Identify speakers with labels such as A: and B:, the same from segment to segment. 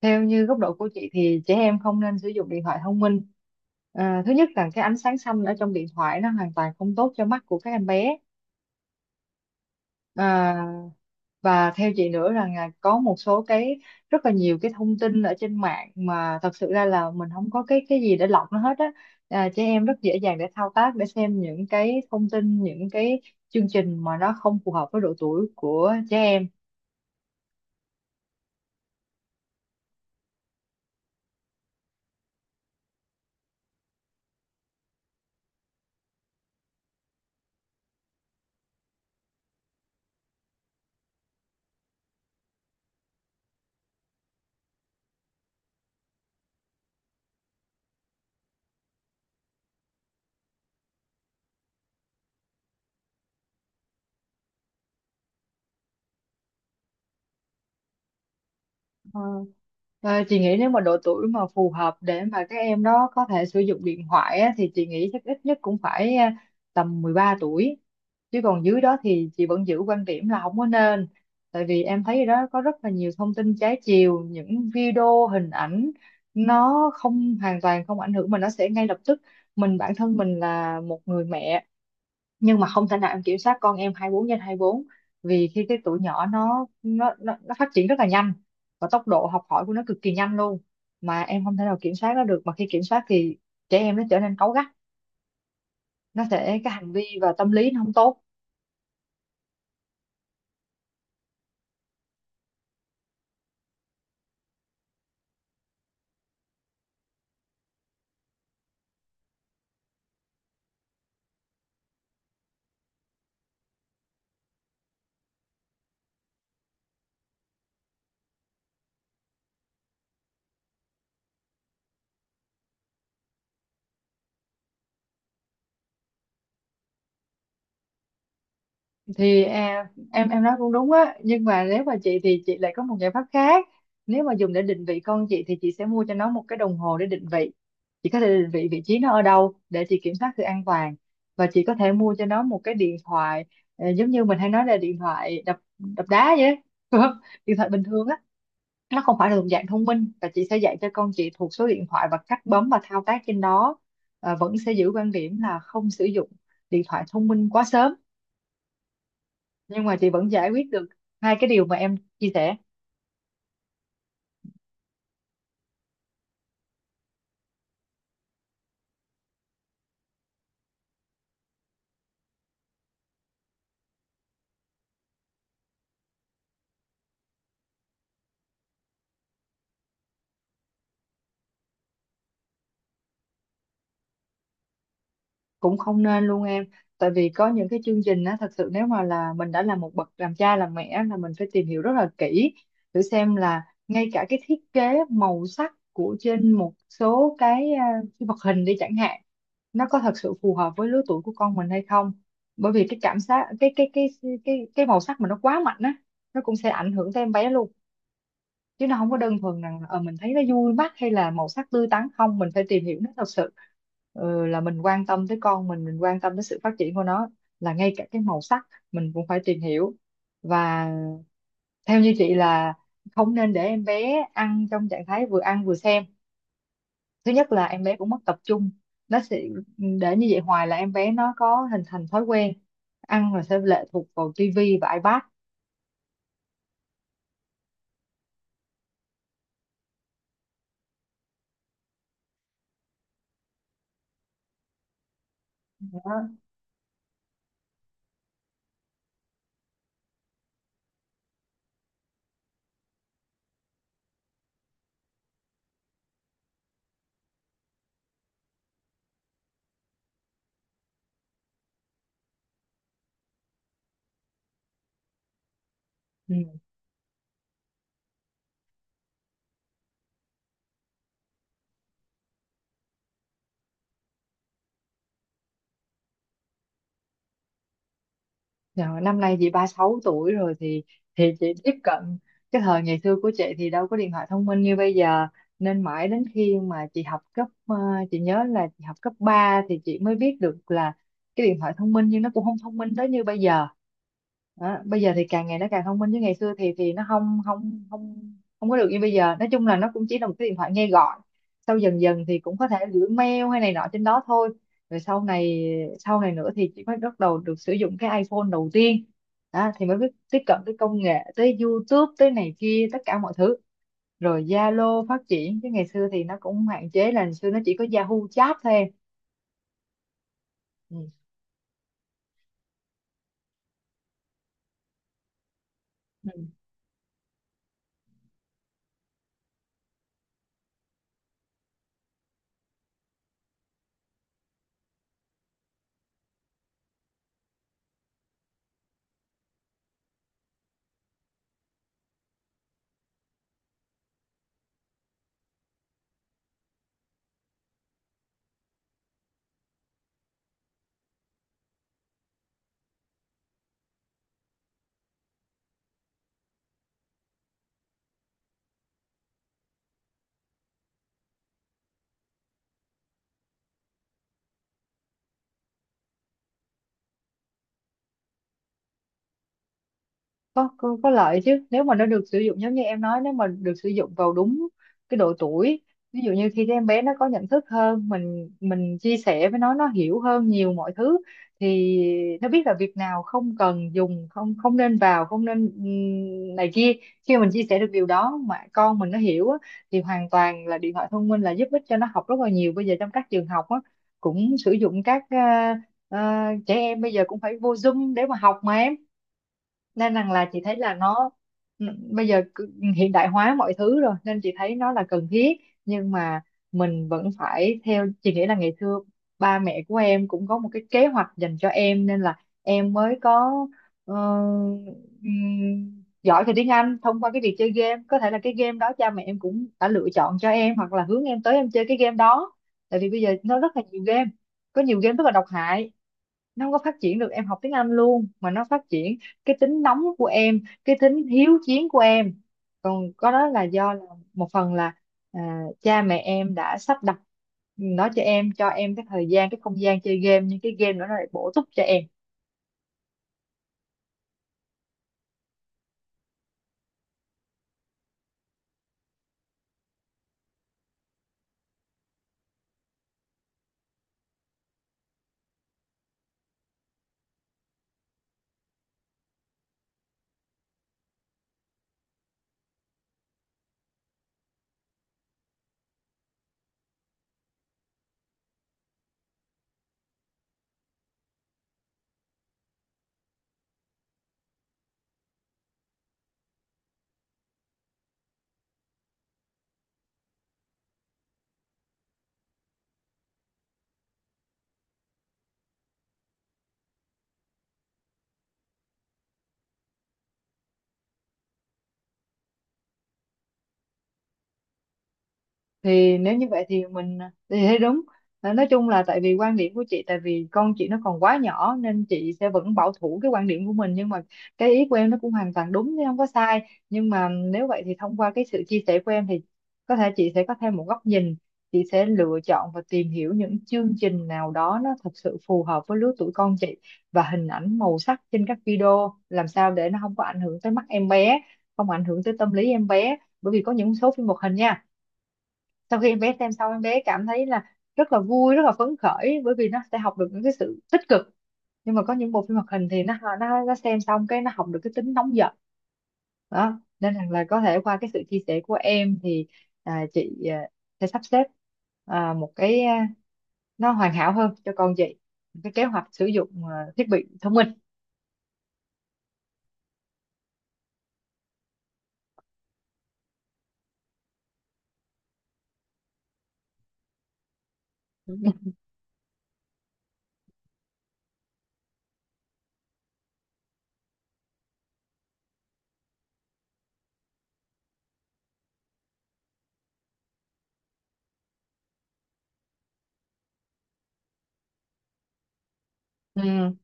A: Theo như góc độ của chị thì trẻ em không nên sử dụng điện thoại thông minh. Thứ nhất là cái ánh sáng xanh ở trong điện thoại nó hoàn toàn không tốt cho mắt của các em bé. à, và theo chị nữa rằng là có một số cái rất là nhiều cái thông tin ở trên mạng mà thật sự ra là mình không có cái gì để lọc nó hết á. Trẻ em rất dễ dàng để thao tác để xem những cái thông tin, những cái chương trình mà nó không phù hợp với độ tuổi của trẻ em. À, chị nghĩ nếu mà độ tuổi mà phù hợp để mà các em đó có thể sử dụng điện thoại á, thì chị nghĩ chắc ít nhất cũng phải tầm 13 tuổi. Chứ còn dưới đó thì chị vẫn giữ quan điểm là không có nên. Tại vì em thấy đó có rất là nhiều thông tin trái chiều, những video, hình ảnh nó không hoàn toàn không ảnh hưởng mà nó sẽ ngay lập tức. Mình, bản thân mình là một người mẹ nhưng mà không thể nào em kiểm soát con em 24 trên 24. Vì khi cái tuổi nhỏ nó phát triển rất là nhanh và tốc độ học hỏi của nó cực kỳ nhanh luôn, mà em không thể nào kiểm soát nó được. Mà khi kiểm soát thì trẻ em nó trở nên cáu gắt, nó sẽ cái hành vi và tâm lý nó không tốt. Thì em nói cũng đúng á, nhưng mà nếu mà chị thì chị lại có một giải pháp khác. Nếu mà dùng để định vị con chị thì chị sẽ mua cho nó một cái đồng hồ để định vị, chị có thể định vị vị trí nó ở đâu để chị kiểm soát sự an toàn. Và chị có thể mua cho nó một cái điện thoại giống như mình hay nói là điện thoại đập đập đá vậy á, đúng không? Điện thoại bình thường á, nó không phải là thuộc dạng thông minh, và chị sẽ dạy cho con chị thuộc số điện thoại và cách bấm và thao tác trên đó. Ờ, vẫn sẽ giữ quan điểm là không sử dụng điện thoại thông minh quá sớm, nhưng mà chị vẫn giải quyết được hai cái điều mà em chia sẻ. Cũng không nên luôn em, tại vì có những cái chương trình á, thật sự nếu mà là mình đã là một bậc làm cha làm mẹ là mình phải tìm hiểu rất là kỹ, thử xem là ngay cả cái thiết kế màu sắc của trên một số cái vật hình đi chẳng hạn, nó có thật sự phù hợp với lứa tuổi của con mình hay không. Bởi vì cái cảm giác cái màu sắc mà nó quá mạnh á, nó cũng sẽ ảnh hưởng tới em bé luôn, chứ nó không có đơn thuần rằng mình thấy nó vui mắt hay là màu sắc tươi tắn không, mình phải tìm hiểu nó thật sự. Ờ, là mình quan tâm tới con mình quan tâm tới sự phát triển của nó, là ngay cả cái màu sắc mình cũng phải tìm hiểu. Và theo như chị là không nên để em bé ăn trong trạng thái vừa ăn vừa xem. Thứ nhất là em bé cũng mất tập trung, nó sẽ để như vậy hoài là em bé nó có hình thành thói quen ăn là sẽ lệ thuộc vào tivi và iPad. Đó. Ừ. Rồi, năm nay chị 36 tuổi rồi, thì chị tiếp cận, cái thời ngày xưa của chị thì đâu có điện thoại thông minh như bây giờ, nên mãi đến khi mà chị học chị nhớ là chị học cấp 3 thì chị mới biết được là cái điện thoại thông minh, nhưng nó cũng không thông minh tới như bây giờ. Đó. Bây giờ thì càng ngày nó càng thông minh, chứ ngày xưa thì nó không không không không có được như bây giờ. Nói chung là nó cũng chỉ là một cái điện thoại nghe gọi, sau dần dần thì cũng có thể gửi mail hay này nọ trên đó thôi. Rồi sau này Sau này nữa thì chị mới bắt đầu được sử dụng cái iPhone đầu tiên. Đó, thì mới biết tiếp cận tới công nghệ, tới YouTube tới này kia tất cả mọi thứ. Rồi Zalo phát triển, chứ ngày xưa thì nó cũng hạn chế, là ngày xưa nó chỉ có Yahoo chat thôi em. Ừ. Có, có lợi chứ, nếu mà nó được sử dụng giống như em nói, nếu mà được sử dụng vào đúng cái độ tuổi. Ví dụ như khi cái em bé nó có nhận thức hơn, mình chia sẻ với nó hiểu hơn nhiều mọi thứ, thì nó biết là việc nào không cần dùng, không không nên vào, không nên này kia. Khi mà mình chia sẻ được điều đó mà con mình nó hiểu á, thì hoàn toàn là điện thoại thông minh là giúp ích cho nó học rất là nhiều. Bây giờ trong các trường học á, cũng sử dụng trẻ em bây giờ cũng phải vô Zoom để mà học mà em. Nên rằng là chị thấy là nó bây giờ cứ hiện đại hóa mọi thứ rồi, nên chị thấy nó là cần thiết. Nhưng mà mình vẫn phải, theo chị nghĩ là ngày xưa ba mẹ của em cũng có một cái kế hoạch dành cho em, nên là em mới có ờ, giỏi về tiếng Anh thông qua cái việc chơi game. Có thể là cái game đó cha mẹ em cũng đã lựa chọn cho em hoặc là hướng em tới em chơi cái game đó, tại vì bây giờ nó rất là nhiều game. Có nhiều game rất là độc hại, nó không có phát triển được em học tiếng Anh luôn, mà nó phát triển cái tính nóng của em, cái tính hiếu chiến của em. Còn có đó là do là một phần là cha mẹ em đã sắp đặt nó cho em, cho em cái thời gian cái không gian chơi game, nhưng cái game đó nó lại bổ túc cho em. Thì nếu như vậy thì mình thì thấy đúng. À, nói chung là tại vì quan điểm của chị, tại vì con chị nó còn quá nhỏ, nên chị sẽ vẫn bảo thủ cái quan điểm của mình, nhưng mà cái ý của em nó cũng hoàn toàn đúng chứ không có sai. Nhưng mà nếu vậy thì thông qua cái sự chia sẻ của em thì có thể chị sẽ có thêm một góc nhìn, chị sẽ lựa chọn và tìm hiểu những chương trình nào đó nó thật sự phù hợp với lứa tuổi con chị, và hình ảnh màu sắc trên các video làm sao để nó không có ảnh hưởng tới mắt em bé, không ảnh hưởng tới tâm lý em bé. Bởi vì có những số phim hoạt hình nha, sau khi em bé xem xong em bé cảm thấy là rất là vui rất là phấn khởi, bởi vì nó sẽ học được những cái sự tích cực, nhưng mà có những bộ phim hoạt hình thì nó xem xong cái nó học được cái tính nóng giận. Đó, nên rằng là có thể qua cái sự chia sẻ của em thì chị sẽ sắp xếp một nó hoàn hảo hơn cho con chị. Một cái kế hoạch sử dụng thiết bị thông minh. Ừ,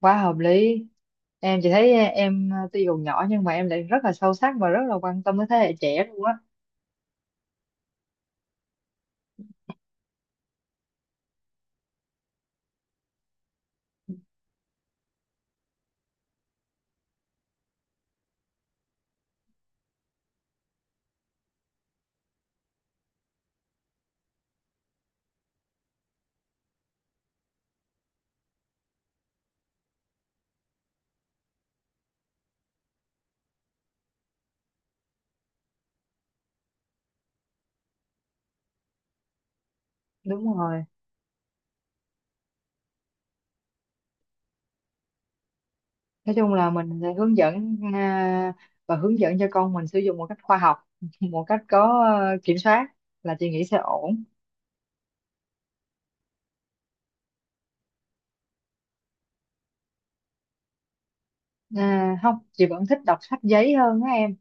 A: quá hợp lý. Em, chị thấy em à, tuy còn nhỏ nhưng mà em lại rất là sâu sắc và rất là quan tâm tới thế hệ trẻ luôn á. Đúng rồi, nói chung là mình sẽ hướng dẫn, và hướng dẫn cho con mình sử dụng một cách khoa học một cách có kiểm soát, là chị nghĩ sẽ ổn. À, không, chị vẫn thích đọc sách giấy hơn á em.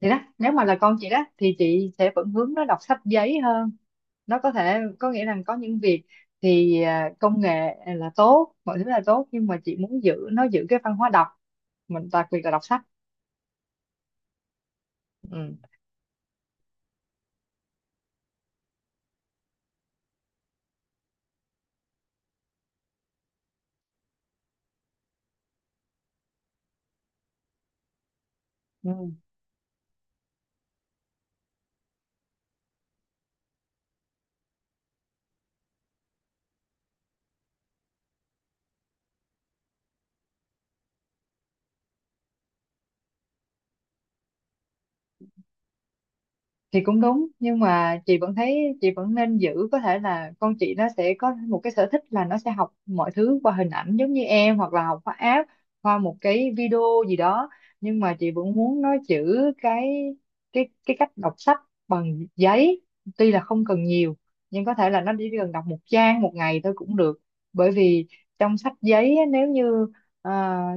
A: Thì đó, nếu mà là con chị đó thì chị sẽ vẫn hướng nó đọc sách giấy hơn. Nó có thể có nghĩa là có những việc thì công nghệ là tốt, mọi thứ là tốt, nhưng mà chị muốn giữ nó, giữ cái văn hóa đọc mình, đặc biệt là đọc sách. Ừ. Thì cũng đúng, nhưng mà chị vẫn thấy chị vẫn nên giữ. Có thể là con chị nó sẽ có một cái sở thích là nó sẽ học mọi thứ qua hình ảnh giống như em, hoặc là học qua app, qua một cái video gì đó, nhưng mà chị vẫn muốn nó giữ cái cái cách đọc sách bằng giấy. Tuy là không cần nhiều, nhưng có thể là nó chỉ cần đọc một trang một ngày thôi cũng được. Bởi vì trong sách giấy á, nếu như ờ,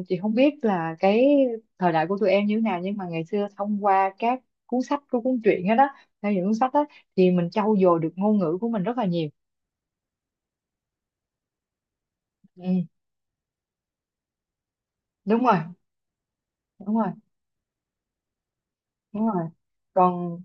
A: chị không biết là cái thời đại của tụi em như thế nào, nhưng mà ngày xưa thông qua các cuốn sách của cuốn truyện hết đó, theo những cuốn sách đó thì mình trau dồi được ngôn ngữ của mình rất là nhiều. Ừ, đúng rồi. Đúng rồi. Đúng rồi. Còn,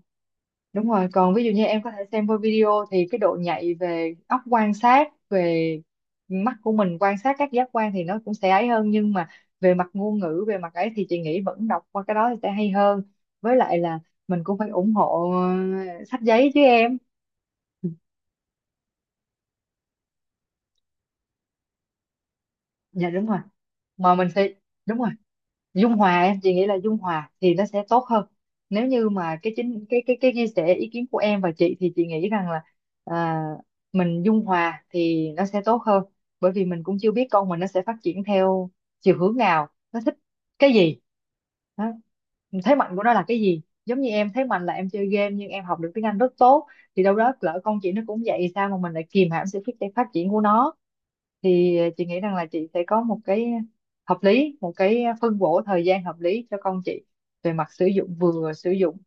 A: đúng rồi, còn ví dụ như em có thể xem qua video thì cái độ nhạy về óc quan sát, về mắt của mình quan sát các giác quan, thì nó cũng sẽ ấy hơn, nhưng mà về mặt ngôn ngữ, về mặt ấy thì chị nghĩ vẫn đọc qua cái đó thì sẽ hay hơn. Với lại là mình cũng phải ủng hộ sách giấy chứ em. Dạ đúng rồi, mà mình sẽ, đúng rồi, dung hòa em, chị nghĩ là dung hòa thì nó sẽ tốt hơn. Nếu như mà cái chính cái chia sẻ ý kiến của em và chị thì chị nghĩ rằng là à, mình dung hòa thì nó sẽ tốt hơn. Bởi vì mình cũng chưa biết con mình nó sẽ phát triển theo chiều hướng nào, nó thích cái gì. Đó. Thế mạnh của nó là cái gì, giống như em thế mạnh là em chơi game nhưng em học được tiếng Anh rất tốt. Thì đâu đó lỡ con chị nó cũng vậy, sao mà mình lại kìm hãm sự phát phát triển của nó. Thì chị nghĩ rằng là chị sẽ có một cái hợp lý, một cái phân bổ thời gian hợp lý cho con chị về mặt sử dụng, vừa sử dụng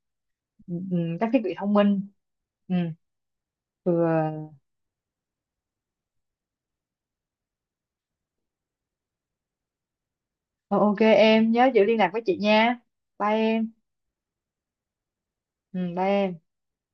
A: các thiết bị thông minh. Ừm, vừa. Ờ, ok em, nhớ giữ liên lạc với chị nha. Bye em. Bye em.